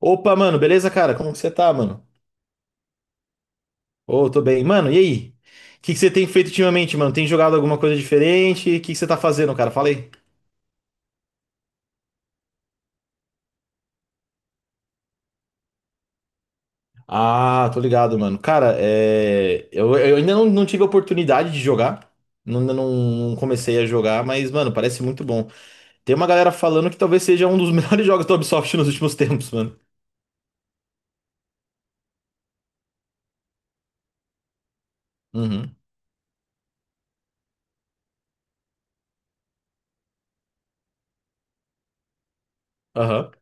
Opa, mano, beleza, cara? Como que você tá, mano? Ô, tô bem. Mano, e aí? O que que você tem feito ultimamente, mano? Tem jogado alguma coisa diferente? O que que você tá fazendo, cara? Fala aí. Ah, tô ligado, mano. Cara, eu ainda não tive a oportunidade de jogar. Não, não não, comecei a jogar, mas, mano, parece muito bom. Tem uma galera falando que talvez seja um dos melhores jogos da Ubisoft nos últimos tempos, mano. Uhum. Aham.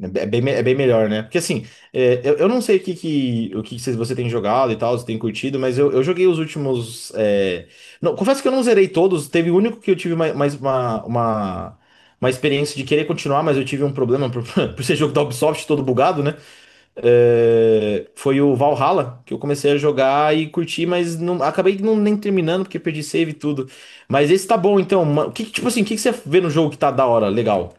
É bem melhor, né? Porque assim, eu não sei o que você tem jogado e tal, se tem curtido, mas eu joguei os últimos. Não, confesso que eu não zerei todos, teve o único que eu tive uma experiência de querer continuar, mas eu tive um problema por, por ser jogo da Ubisoft todo bugado, né? É, foi o Valhalla que eu comecei a jogar e curti, mas não, acabei não, nem terminando porque perdi save e tudo. Mas esse tá bom, então. O que, tipo assim, o que, que você vê no jogo que tá da hora, legal?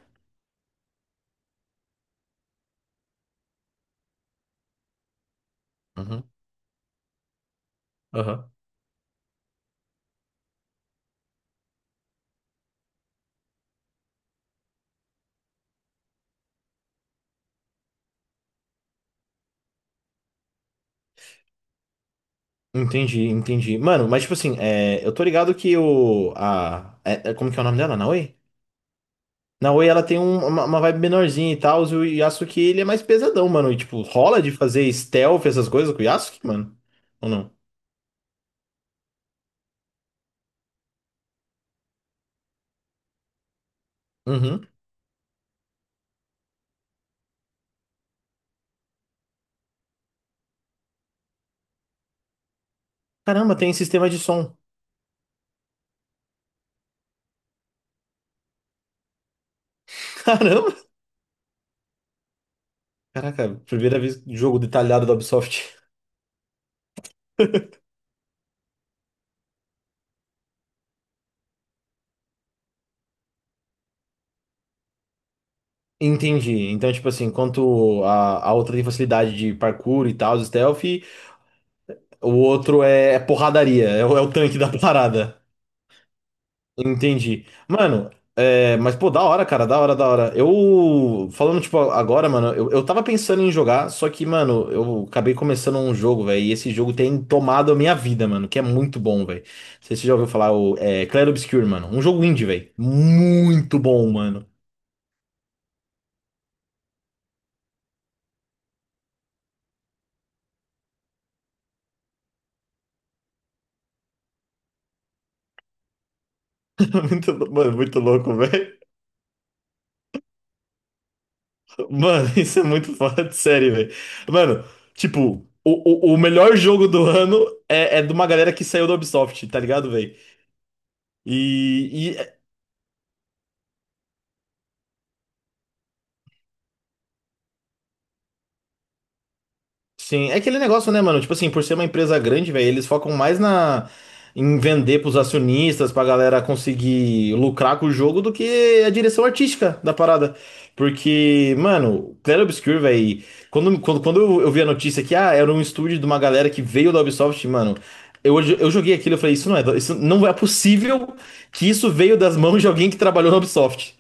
Uhum. Aham. Entendi, entendi. Mano, mas tipo assim, eu tô ligado que o. Como que é o nome dela? Naoi? Naoi, ela tem uma vibe menorzinha e tal, e o Yasuke ele é mais pesadão, mano. E tipo, rola de fazer stealth, essas coisas com o Yasuke, mano? Ou não? Uhum. Caramba, tem sistema de som. Caramba! Caraca, primeira vez jogo detalhado da Ubisoft. Entendi. Então, tipo assim, enquanto a outra tem facilidade de parkour e tal, stealth, o outro é porradaria, é o tanque da parada. Entendi. Mano, é, mas pô, da hora, cara, da hora, da hora. Eu, falando, tipo, agora, mano, eu tava pensando em jogar, só que, mano, eu acabei começando um jogo, velho, e esse jogo tem tomado a minha vida, mano, que é muito bom, velho. Não sei se você já ouviu falar, Clair Obscur, mano. Um jogo indie, velho. Muito bom, mano. Mano, muito louco, velho. Mano, isso é muito fora de série, velho. Mano, tipo, o melhor jogo do ano é de uma galera que saiu da Ubisoft, tá ligado, velho? E, sim, é aquele negócio, né, mano? Tipo assim, por ser uma empresa grande, velho, eles focam mais na em vender pros acionistas, pra galera conseguir lucrar com o jogo do que a direção artística da parada. Porque, mano, Clair Obscur, velho, quando eu vi a notícia que ah, era um estúdio de uma galera que veio da Ubisoft, mano, eu joguei aquilo e falei, isso não é possível que isso veio das mãos de alguém que trabalhou na Ubisoft.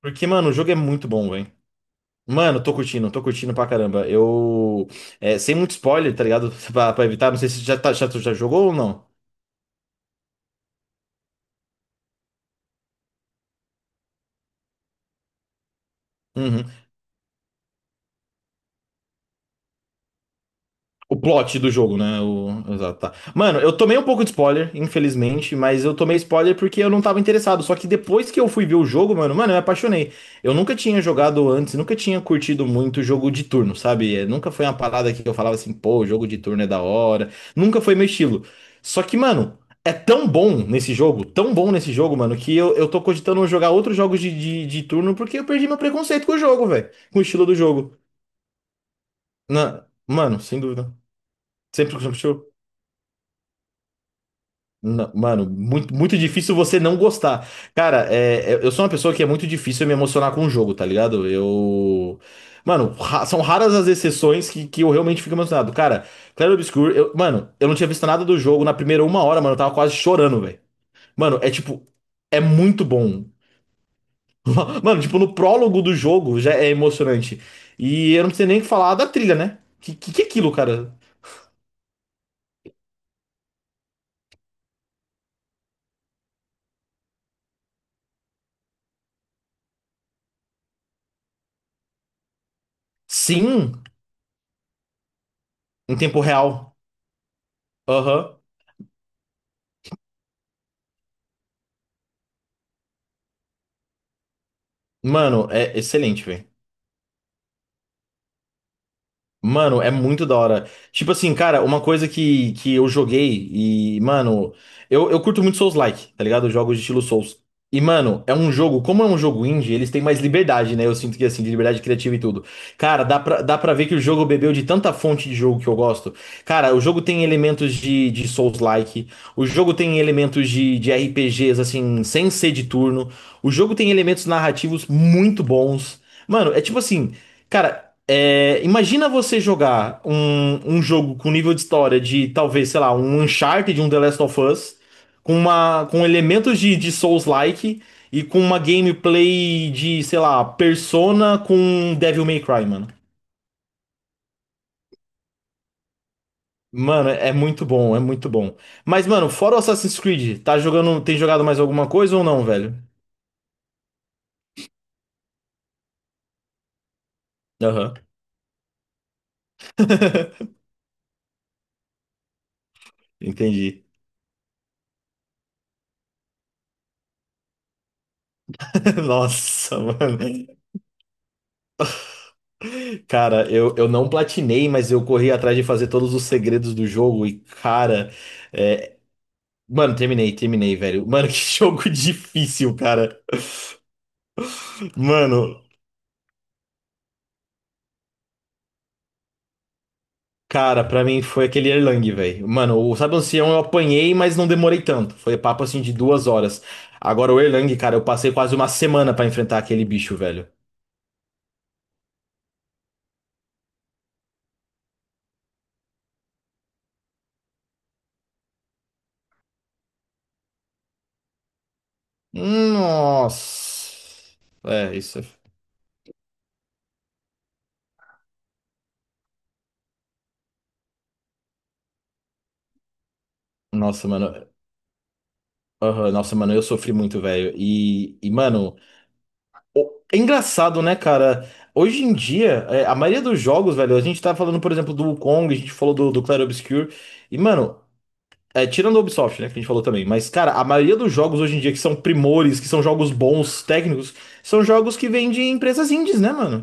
Porque, mano, o jogo é muito bom, velho. Mano, tô curtindo pra caramba. Eu. Sem muito spoiler, tá ligado? Pra evitar, não sei se tu já jogou ou não. Uhum. O plot do jogo, né? O... Exato, tá. Mano, eu tomei um pouco de spoiler, infelizmente, mas eu tomei spoiler porque eu não tava interessado. Só que depois que eu fui ver o jogo, mano, eu me apaixonei. Eu nunca tinha jogado antes, nunca tinha curtido muito jogo de turno, sabe? Nunca foi uma parada que eu falava assim, pô, jogo de turno é da hora. Nunca foi meu estilo. Só que, mano, é tão bom nesse jogo, tão bom nesse jogo, mano, que eu tô cogitando jogar outros jogos de turno porque eu perdi meu preconceito com o jogo, velho. Com o estilo do jogo. Na... Mano, sem dúvida. Sempre. Não, mano, muito difícil você não gostar. Cara, eu sou uma pessoa que é muito difícil me emocionar com o jogo, tá ligado? Eu. São raras as exceções que eu realmente fico emocionado. Cara, Clair Obscur, eu, mano, eu não tinha visto nada do jogo na primeira uma hora, mano, eu tava quase chorando, velho. Mano, é tipo. É muito bom. Mano, tipo, no prólogo do jogo já é emocionante. E eu não preciso nem falar da trilha, né? Que é aquilo, cara? Sim, em tempo real. Aham. Mano, é excelente, velho. Mano, é muito da hora. Tipo assim, cara, uma coisa que eu joguei e, mano, eu curto muito Souls-like, tá ligado? Jogos de estilo Souls. E, mano, é um jogo, como é um jogo indie, eles têm mais liberdade, né? Eu sinto que, assim, de liberdade criativa e tudo. Cara, dá pra ver que o jogo bebeu de tanta fonte de jogo que eu gosto. Cara, o jogo tem elementos de Souls-like, o jogo tem elementos de RPGs, assim, sem ser de turno, o jogo tem elementos narrativos muito bons. Mano, é tipo assim. Cara, é, imagina você jogar um jogo com nível de história de talvez, sei lá, um Uncharted, um The Last of Us, com elementos de Souls-like e com uma gameplay de, sei lá, Persona com Devil May Cry, mano. Mano, é muito bom, é muito bom. Mas, mano, fora o Assassin's Creed, tá jogando, tem jogado mais alguma coisa ou não, velho? Aham. Entendi. Nossa, mano. Cara, eu não platinei, mas eu corri atrás de fazer todos os segredos do jogo e, cara. é, Mano, terminei, velho. Mano, que jogo difícil, cara. Mano, cara, pra mim foi aquele Erlang, velho. Mano, o Sabe Ancião eu apanhei, mas não demorei tanto. Foi papo assim de duas horas. Agora o Erlang, cara, eu passei quase uma semana pra enfrentar aquele bicho, velho. Nossa. É, isso. Nossa, mano. Aham, nossa, mano, eu sofri muito, velho. E, mano. É engraçado, né, cara? Hoje em dia, é, a maioria dos jogos, velho, a gente tá falando, por exemplo, do Wukong, a gente falou do Clair Obscur. E, mano, é, tirando o Ubisoft, né, que a gente falou também. Mas, cara, a maioria dos jogos hoje em dia que são primores, que são jogos bons, técnicos, são jogos que vêm de empresas indies, né, mano?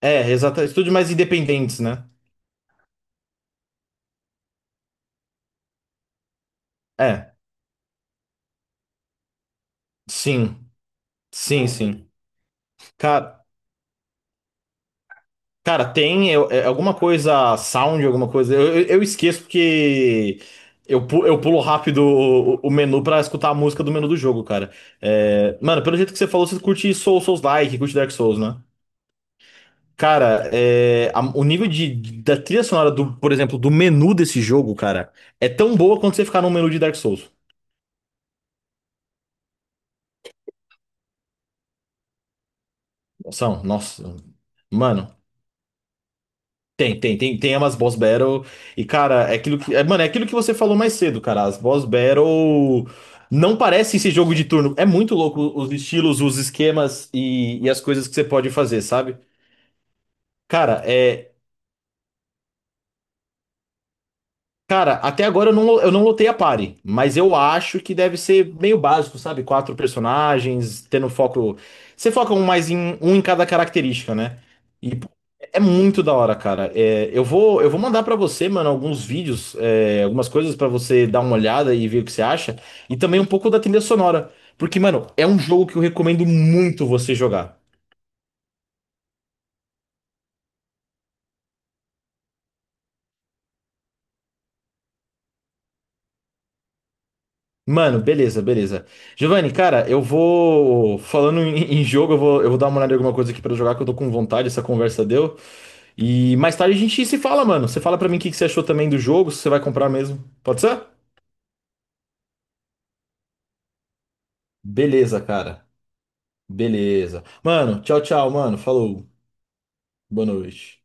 É, exato. Estúdios mais independentes, né? É, sim. Sim, sim. Cara. Cara, tem alguma coisa, sound, alguma coisa. Eu esqueço porque eu pulo rápido o menu pra escutar a música do menu do jogo, cara. É, mano, pelo jeito que você falou, você curte Souls, Souls-like, curte Dark Souls, né? Cara, é, o nível de, da trilha sonora, do, por exemplo, do menu desse jogo, cara, é tão boa quanto você ficar num menu de Dark Souls. Nossa, nossa. Mano. Tem, tem, tem, tem umas boss battle. E, cara, é aquilo que. É, mano, é aquilo que você falou mais cedo, cara. As boss battle não parece esse jogo de turno. É muito louco os estilos, os esquemas e as coisas que você pode fazer, sabe? Cara, é. Cara, até agora eu não lotei a party, mas eu acho que deve ser meio básico, sabe? Quatro personagens, tendo foco. Você foca mais em um em cada característica, né? E pô, é muito da hora, cara. É, eu vou mandar pra você, mano, alguns vídeos, é, algumas coisas pra você dar uma olhada e ver o que você acha, e também um pouco da trilha sonora, porque, mano, é um jogo que eu recomendo muito você jogar. Mano, beleza, beleza. Giovanni, cara, eu vou. Falando em, em jogo, eu vou dar uma olhada em alguma coisa aqui pra jogar, que eu tô com vontade, essa conversa deu. E mais tarde a gente se fala, mano. Você fala pra mim o que que você achou também do jogo, se você vai comprar mesmo. Pode ser? Beleza, cara. Beleza. Mano, tchau, tchau, mano. Falou. Boa noite.